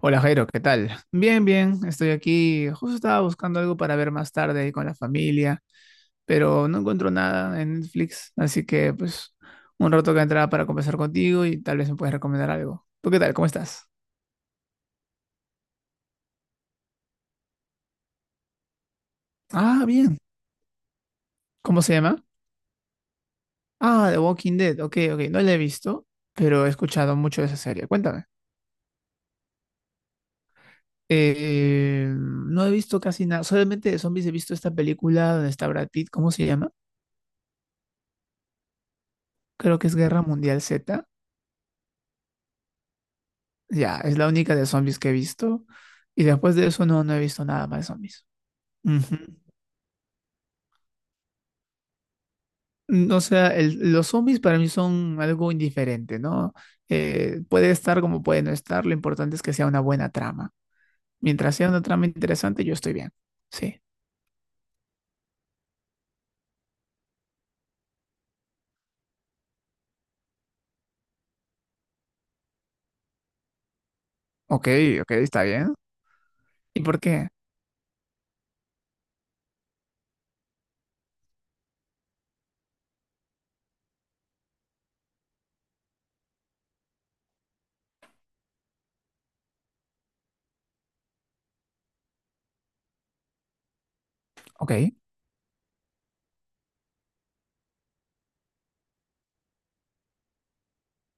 Hola Jairo, ¿qué tal? Bien, bien, estoy aquí. Justo estaba buscando algo para ver más tarde ahí con la familia, pero no encuentro nada en Netflix, así que pues un rato que entraba para conversar contigo y tal vez me puedes recomendar algo. ¿Tú qué tal? ¿Cómo estás? Ah, bien. ¿Cómo se llama? Ah, The Walking Dead. Ok, ok, no la he visto, pero he escuchado mucho de esa serie. Cuéntame. No he visto casi nada, solamente de zombies he visto esta película donde está Brad Pitt, ¿cómo se llama? Creo que es Guerra Mundial Z. Ya, es la única de zombies que he visto. Y después de eso no, no he visto nada más de zombies. Ujú. Mm. O sea, los zombies para mí son algo indiferente, ¿no? Puede estar como puede no estar, lo importante es que sea una buena trama. Mientras sea una trama interesante, yo estoy bien. Sí. Ok, ok, está bien. ¿Y por qué? Ok.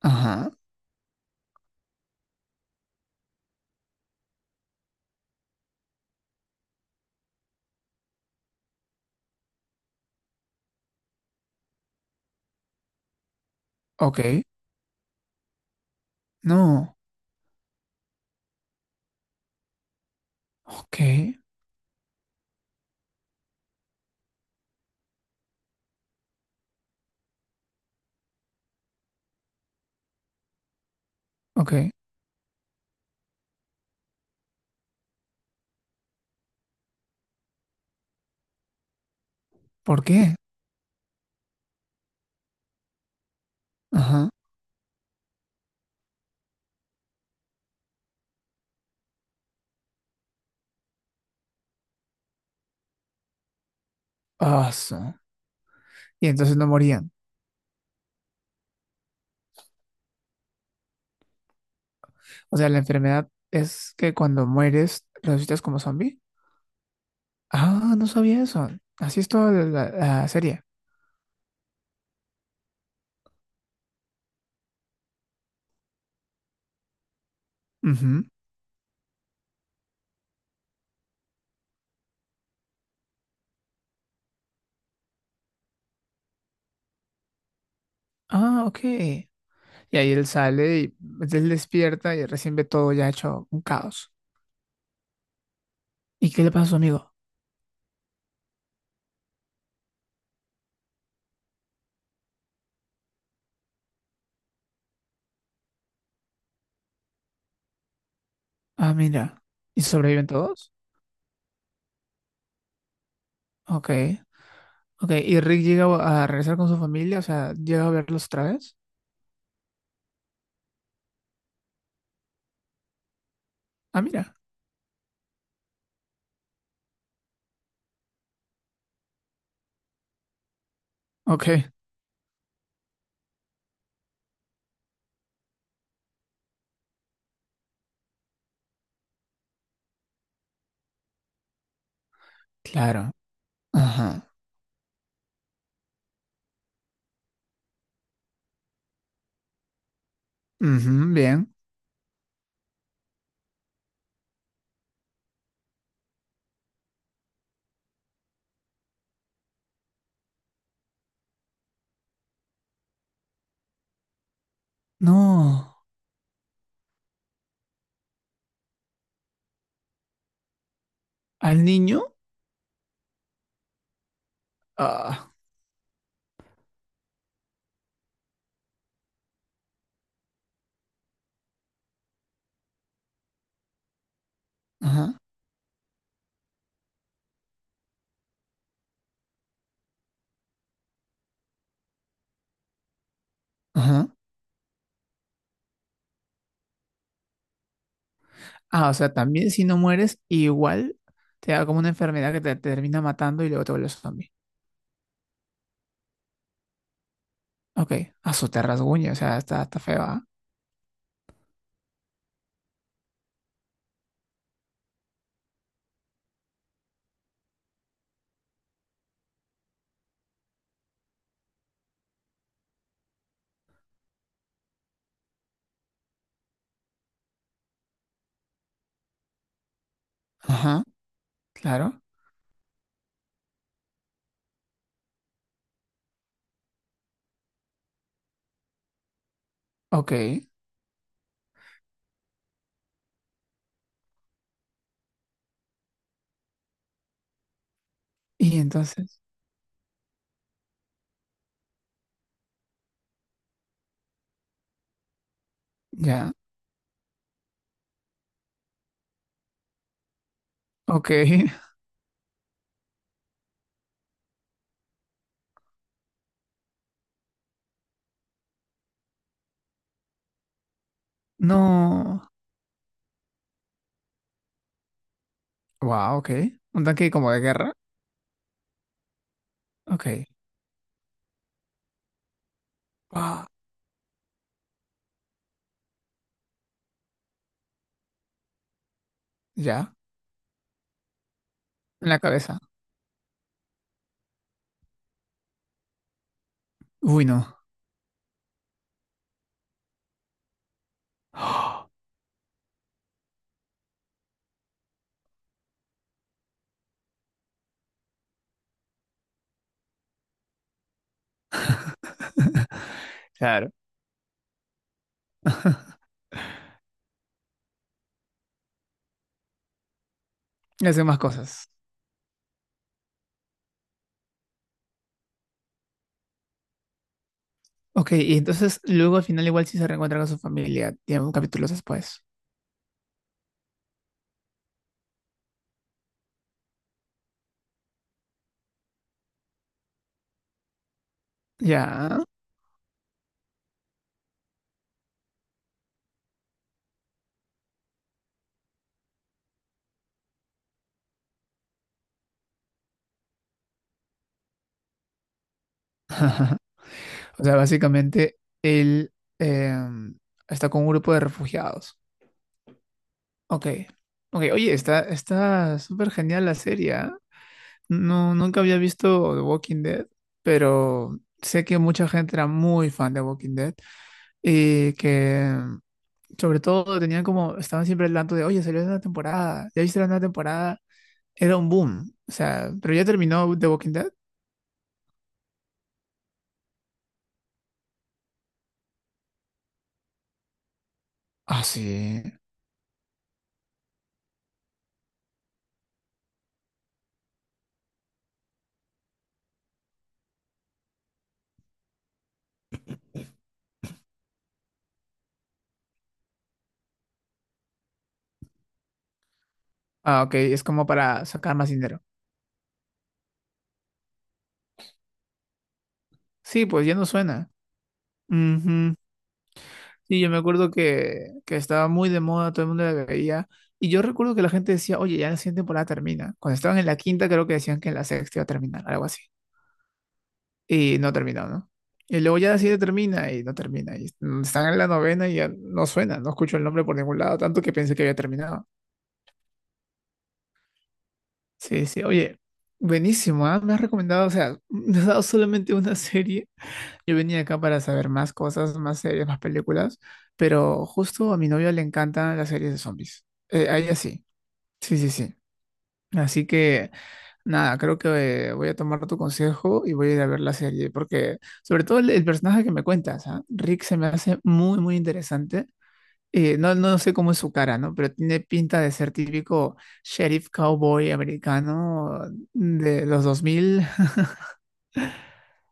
Ajá. Ok. No. Ok. Ok. ¿Por qué? Ajá. Ah, su. Y entonces no morían. O sea, la enfermedad es que cuando mueres resucitas como zombie. Ah, no sabía eso. Así es toda la serie. Ujú. Ah, ok. Y ahí él sale y pues, él despierta y recién ve todo ya hecho un caos. ¿Y qué le pasa a su amigo? Ah, mira. ¿Y sobreviven todos? Ok. Ok. ¿Y Rick llega a regresar con su familia? O sea, ¿llega a verlos otra vez? Ah, mira. Ok. Claro. Ajá. Ujú, bien. No. ¿Al niño? Ah. Ajá. Ajá. Ah, o sea, también si no mueres, igual te da como una enfermedad que te termina matando y luego te vuelves zombie. Ok, a su te rasguña, o sea, está feo, ¿ah? Ajá, claro. Ok. Y entonces, ya. Ok. No. Wow, ok. Un tanque como de guerra. Ok. Wow. Ya. En la cabeza. Uy, no. Claro. Hace más cosas. Ok, y entonces luego al final igual sí se reencuentra con su familia, digamos, capítulos después. Ya. O sea, básicamente él eh, está con un grupo de refugiados. Ok. Ok, oye, está súper genial la serie, ¿ah? No, nunca había visto The Walking Dead, pero sé que mucha gente era muy fan de Walking Dead y que sobre todo tenían como, estaban siempre al tanto de, oye, salió la nueva temporada, ya viste la nueva temporada. Era un boom. O sea, pero ya terminó The Walking Dead. Ah, sí. Ah, ok, es como para sacar más dinero. Sí, pues ya no suena. Ujú. Sí, yo me acuerdo que estaba muy de moda, todo el mundo la veía. Y yo recuerdo que la gente decía, oye, ya la siguiente temporada termina. Cuando estaban en la quinta, creo que decían que en la sexta iba a terminar, algo así. Y no terminó, ¿no? Y luego ya la siguiente termina y no termina. Y están en la novena y ya no suena, no escucho el nombre por ningún lado, tanto que pensé que había terminado. Sí, sí, oye, buenísimo, ¿ah? Me has recomendado, o sea, me has dado solamente una serie. Yo venía acá para saber más cosas, más series, más películas, pero justo a mi novia le encantan las series de zombies. A ella sí, sí, sí, sí. Así que, nada, creo que voy a tomar tu consejo y voy a ir a ver la serie, porque sobre todo el personaje que me cuentas, ¿ah? Rick se me hace muy, muy interesante. No no sé cómo es su cara, ¿no? Pero tiene pinta de ser típico sheriff cowboy americano de los 2000,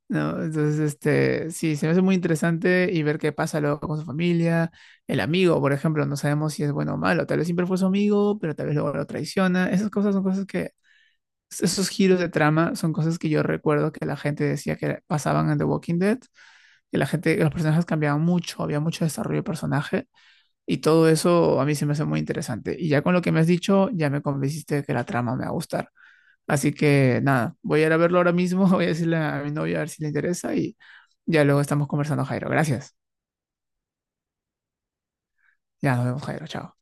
¿no? Entonces, este, sí, se me hace muy interesante y ver qué pasa luego con su familia. El amigo, por ejemplo, no sabemos si es bueno o malo. Tal vez siempre fue su amigo, pero tal vez luego lo traiciona. Esas cosas son cosas esos giros de trama son cosas que yo recuerdo que la gente decía que pasaban en The Walking Dead, que la gente, que los personajes cambiaban mucho, había mucho desarrollo de personaje y todo eso a mí se me hace muy interesante. Y ya con lo que me has dicho, ya me convenciste de que la trama me va a gustar. Así que nada, voy a ir a verlo ahora mismo, voy a decirle a mi novia a ver si le interesa y ya luego estamos conversando, Jairo. Gracias. Ya nos vemos, Jairo. Chao.